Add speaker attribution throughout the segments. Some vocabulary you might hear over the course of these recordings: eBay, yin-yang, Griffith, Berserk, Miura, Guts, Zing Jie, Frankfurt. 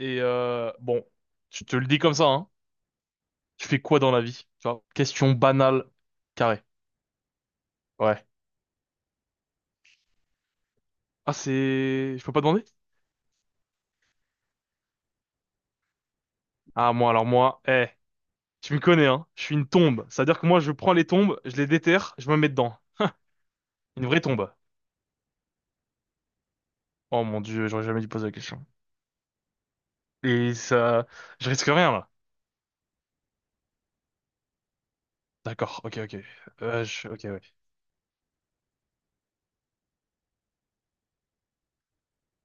Speaker 1: Et bon, je te le dis comme ça, hein. Tu fais quoi dans la vie? Tu vois, question banale, carré. Ouais. Ah, c'est... Je peux pas demander? Ah, moi, alors moi, tu me connais, hein. Je suis une tombe. C'est-à-dire que moi, je prends les tombes, je les déterre, je me mets dedans. Une vraie tombe. Oh mon Dieu, j'aurais jamais dû poser la question. Et ça... Je risque rien, là. D'accord, ok, ok. Je... Ok, ouais.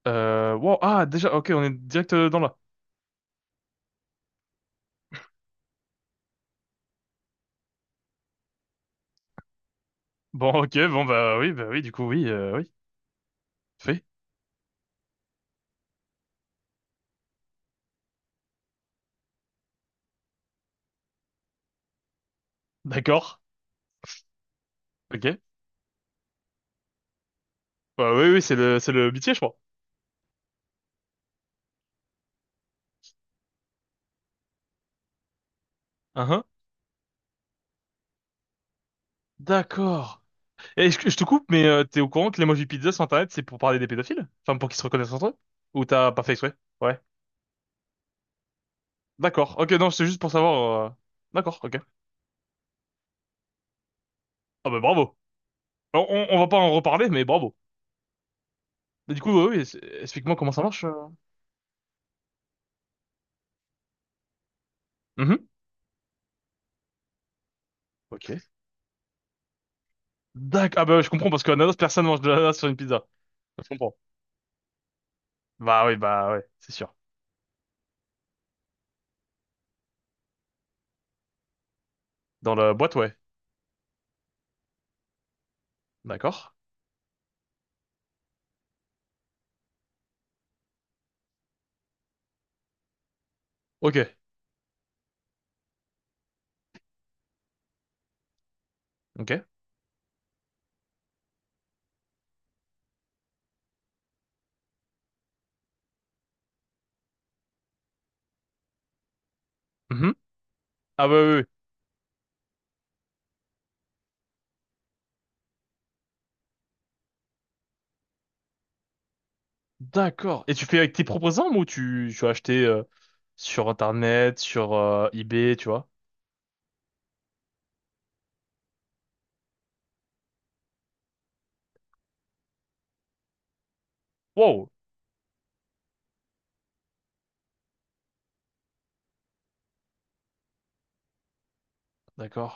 Speaker 1: Wow, ah, déjà, ok, on est direct dans là. Bon, ok, bon, bah oui, du coup, oui, oui. Fait. D'accord, ok. Bah oui, oui, c'est le métier, je crois. Hein, hein. D'accord. Et je te coupe, mais t'es au courant que l'emoji pizza sur Internet, c'est pour parler des pédophiles? Enfin, pour qu'ils se reconnaissent entre eux? Ou t'as pas fait exprès? Ouais. D'accord. Ok, non, c'est juste pour savoir. D'accord, ok. Ah bah bravo. On va pas en reparler, mais bravo. Mais du coup, oui, explique-moi comment ça marche. Mhm. Ok. D'accord. Ah bah je comprends, parce que ananas, personne mange de l'ananas sur une pizza. Je comprends. Bah oui, bah ouais, c'est sûr. Dans la boîte, ouais. D'accord. Ok. Ok. Mhm. Ah bah oui, oui. D'accord. Et tu fais avec tes propres armes ou tu as acheté sur Internet, sur eBay, tu vois? Wow. D'accord.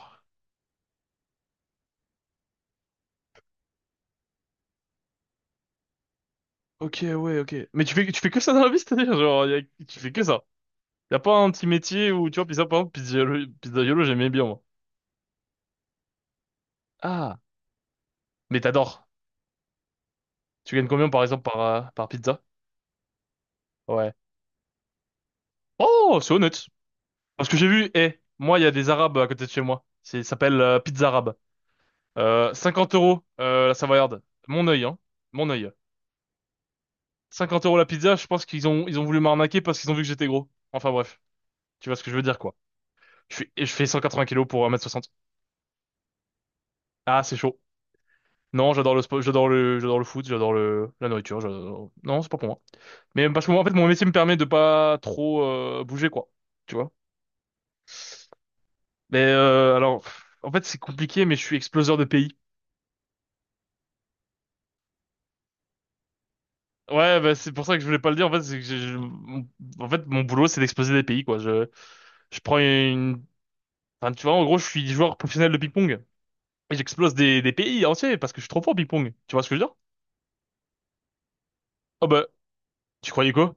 Speaker 1: Ok, ouais, ok. Mais tu fais que ça dans la vie, c'est-à-dire, genre, tu fais que ça. Y a pas un petit métier où, tu vois, pizza, par exemple, pizzaïolo, j'aimais bien, moi. Ah. Mais t'adores. Tu gagnes combien, par exemple, par, par pizza? Ouais. Oh, c'est honnête. Parce que j'ai vu, moi, il y a des Arabes à côté de chez moi. C'est, ça s'appelle Pizza Arabe. 50 euros, la Savoyarde. Mon œil, hein. Mon œil. 50 euros la pizza, je pense ils ont voulu m'arnaquer parce qu'ils ont vu que j'étais gros. Enfin bref, tu vois ce que je veux dire quoi. Je fais 180 kilos pour 1m60. Ah, c'est chaud. Non, j'adore le sport, j'adore le foot, la nourriture, j'adore... Non, c'est pas pour moi. Mais parce que moi, en fait, mon métier me permet de pas trop bouger quoi. Tu vois. Mais alors, pff, en fait, c'est compliqué, mais je suis exploseur de pays. Ouais, bah, c'est pour ça que je voulais pas le dire. En fait, c'est que en fait, mon boulot, c'est d'exploser des pays quoi. Je prends une, enfin, tu vois, en gros, je suis joueur professionnel de ping-pong. Des pays entiers parce que je suis trop fort au ping-pong. Tu vois ce que je veux dire? Oh bah, tu croyais quoi?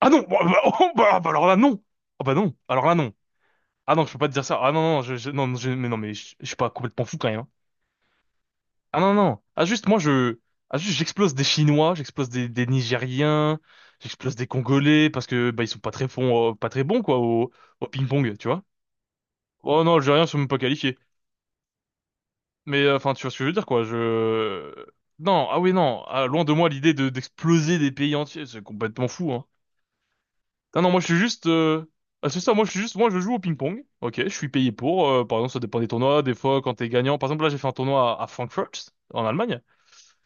Speaker 1: Ah non! Bah, bah, oh, bah, bah, alors là, non! Ah bah non! Alors là, non! Ah non, je peux pas te dire ça. Ah non, non, non, non, mais non, mais je suis pas complètement fou quand même. Hein. Ah non, non! Ah juste, moi, je... Ah juste, j'explose des Chinois, des Nigériens, j'explose des Congolais parce que, bah, ils sont pas très bons, pas très bons, quoi, au ping-pong, tu vois? Oh non, Algériens sont même pas qualifiés. Mais enfin, tu vois ce que je veux dire, quoi. Je... Non, ah oui, non. Ah, loin de moi l'idée de d'exploser des pays entiers. C'est complètement fou, hein. Non, non, moi je suis juste... Ah, c'est ça, moi je suis juste... Moi je joue au ping-pong. Ok, je suis payé pour. Par exemple, ça dépend des tournois. Des fois, quand t'es gagnant... Par exemple, là, j'ai fait un tournoi à Frankfurt, en Allemagne.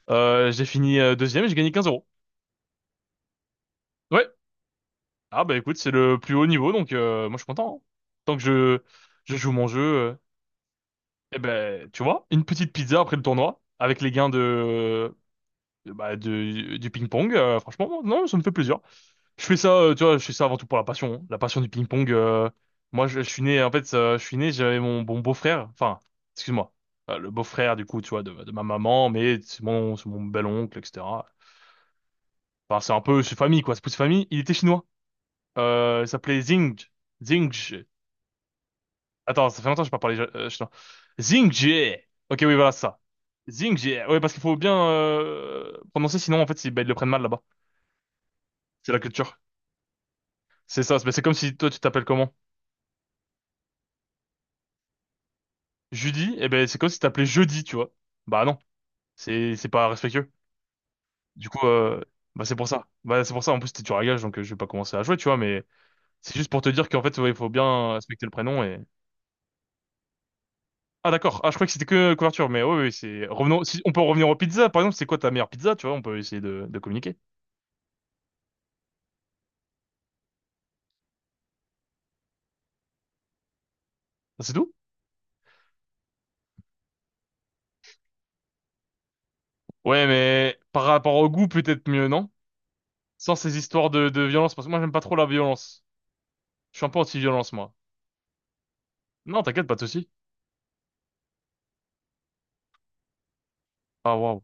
Speaker 1: J'ai fini deuxième et j'ai gagné 15 euros. Ouais. Ah bah écoute, c'est le plus haut niveau, donc moi je suis content. Hein. Tant que je, je joue mon jeu... Eh ben, tu vois, une petite pizza après le tournoi, avec les gains de... Bah, du ping-pong, franchement, non, ça me fait plaisir. Je fais ça, tu vois, je fais ça avant tout pour la passion, hein. La passion du ping-pong. Moi, je suis né, en fait, je suis né, j'avais mon bon beau-frère, enfin, excuse-moi, le beau-frère, du coup, tu vois, de ma maman, mais c'est mon bel-oncle, etc. Enfin, c'est un peu, c'est famille, quoi, c'est plus famille. Il était chinois. Il s'appelait Zing. Attends, ça fait longtemps que je n'ai pas parlé chinois. Zing Jie. Ok, oui, voilà, c'est ça. Zing Jie. Ouais, parce qu'il faut bien prononcer, sinon, en fait, ils, bah, ils le prennent mal là-bas. C'est la culture. C'est ça, c'est ben, c'est comme si toi tu t'appelles comment? Judy, eh ben c'est comme si tu t'appelais jeudi, tu vois. Bah non, c'est pas respectueux. Du coup, bah c'est pour ça. Bah c'est pour ça, en plus t'es dur à gage, donc je vais pas commencer à jouer, tu vois, mais c'est juste pour te dire qu'en fait, ouais, il faut bien respecter le prénom et... Ah d'accord, ah je crois que c'était que couverture, mais oui, oui, c'est... Revenons... Si on peut revenir aux pizzas, par exemple, c'est quoi ta meilleure pizza, tu vois, on peut essayer de communiquer. Ah, c'est tout? Ouais, mais par rapport au goût, peut-être mieux, non? Sans ces histoires de violence, parce que moi j'aime pas trop la violence. Je suis un peu anti-violence, moi. Non, t'inquiète, pas de soucis. Ah waouh.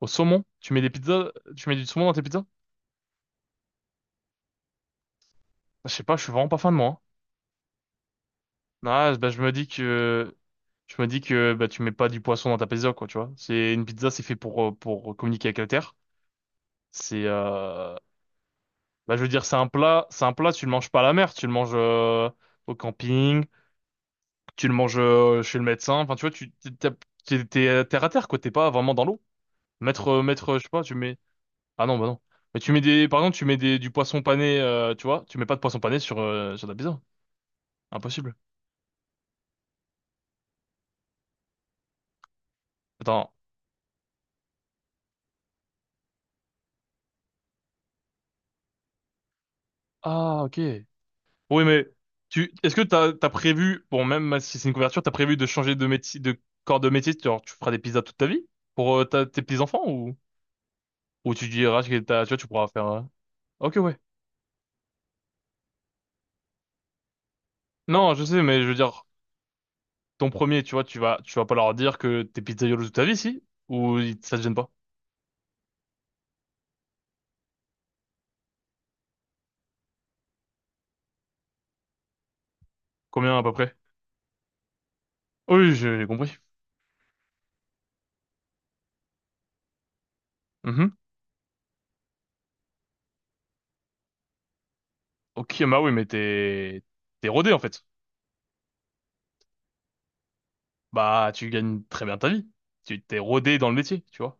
Speaker 1: Au saumon? Tu mets des pizzas, tu mets du saumon dans tes pizzas? Je sais pas, je suis vraiment pas fan, moi. Hein. Ah, bah, je me dis que, bah, tu mets pas du poisson dans ta pizza, quoi, tu vois. C'est, une pizza, c'est fait pour communiquer avec la terre. C'est, bah, je veux dire, c'est un plat, tu le manges pas à la mer, tu le manges, au camping, tu le manges, chez le médecin. Enfin, tu vois, tu, t'es, t'es, t'es- t'es terre à terre, quoi, t'es pas vraiment dans l'eau. Je sais pas, ah non, bah non. Mais par exemple, du poisson pané, tu vois, tu mets pas de poisson pané sur, sur ta pizza. Impossible. Attends. Ah, ok. Oui, mais est-ce que t'as prévu, bon, même si c'est une couverture, t'as prévu de changer de métier, de corps de métier, genre, tu feras des pizzas toute ta vie? Pour tes petits-enfants ou tu diras que t'as, tu vois, tu pourras faire, ok, ouais. Non, je sais, mais je veux dire, ton premier, tu vois, tu vas pas leur dire que t'es pizzaïolo toute ta vie, si? Ou ça te gêne pas? Combien à peu près? Oui, j'ai compris. Mhm. Ok, bah oui, mais t'es rodé, en fait. Bah, tu gagnes très bien ta vie. Tu t'es rodé dans le métier, tu vois.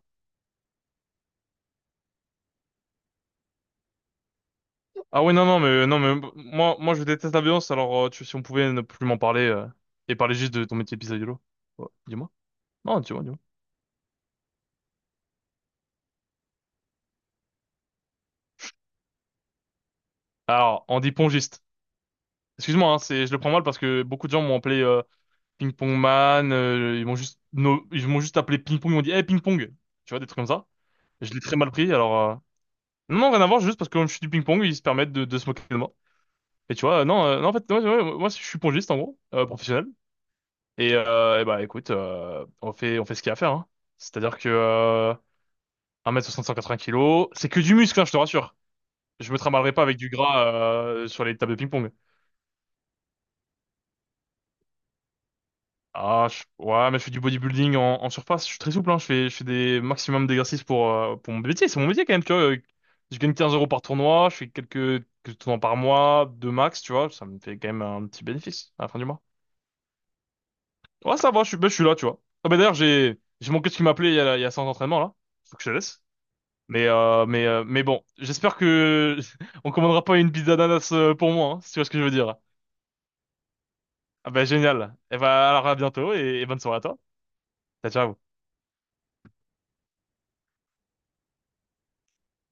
Speaker 1: Ah ouais, non, non, mais non, mais moi, je déteste la violence. Alors, si on pouvait ne plus m'en parler et parler juste de ton métier de pizzaïolo. Ouais, dis-moi. Non, dis-moi, dis-moi. Alors, on dit pongiste. Excuse-moi, hein, c'est, je le prends mal parce que beaucoup de gens m'ont appelé Ping Pong Man. Euh, ils m'ont juste, no- ils m'ont juste appelé Ping Pong. Ils m'ont dit, hey, Ping Pong. Tu vois, des trucs comme ça. Je l'ai très mal pris. Alors, non, non, rien à voir. Juste parce que comme je suis du ping pong, ils se permettent de se moquer de moi. Et tu vois, non, non, en fait, ouais, ouais, moi, je suis pongiste en gros, professionnel. Et, eh ben, écoute, on fait ce qu'il y a à faire, hein. C'est-à-dire que 1m60, 180 kilos, c'est que du muscle, hein, je te rassure. Je me trimballerai pas avec du gras sur les tables de ping-pong. Ah, ouais, mais je fais du bodybuilding en, en surface, je suis très souple, hein. Je fais des maximum d'exercices pour mon métier, c'est mon métier quand même, tu vois. Je gagne 15 euros par tournoi, je fais quelques tournois par mois, deux max, tu vois. Ça me fait quand même un petit bénéfice à la fin du mois. Ouais, ça va, je suis, ben, je suis là, tu vois. Ah, ben, d'ailleurs, j'ai mon coach qui m'appelait il y a 100 entraînements, là. Faut que je te laisse. Mais bon, j'espère que on commandera pas une pizza d'ananas pour moi, hein, si tu vois ce que je veux dire. Ah bah génial. Et bah alors à bientôt et bonne soirée à toi. Ciao, ciao.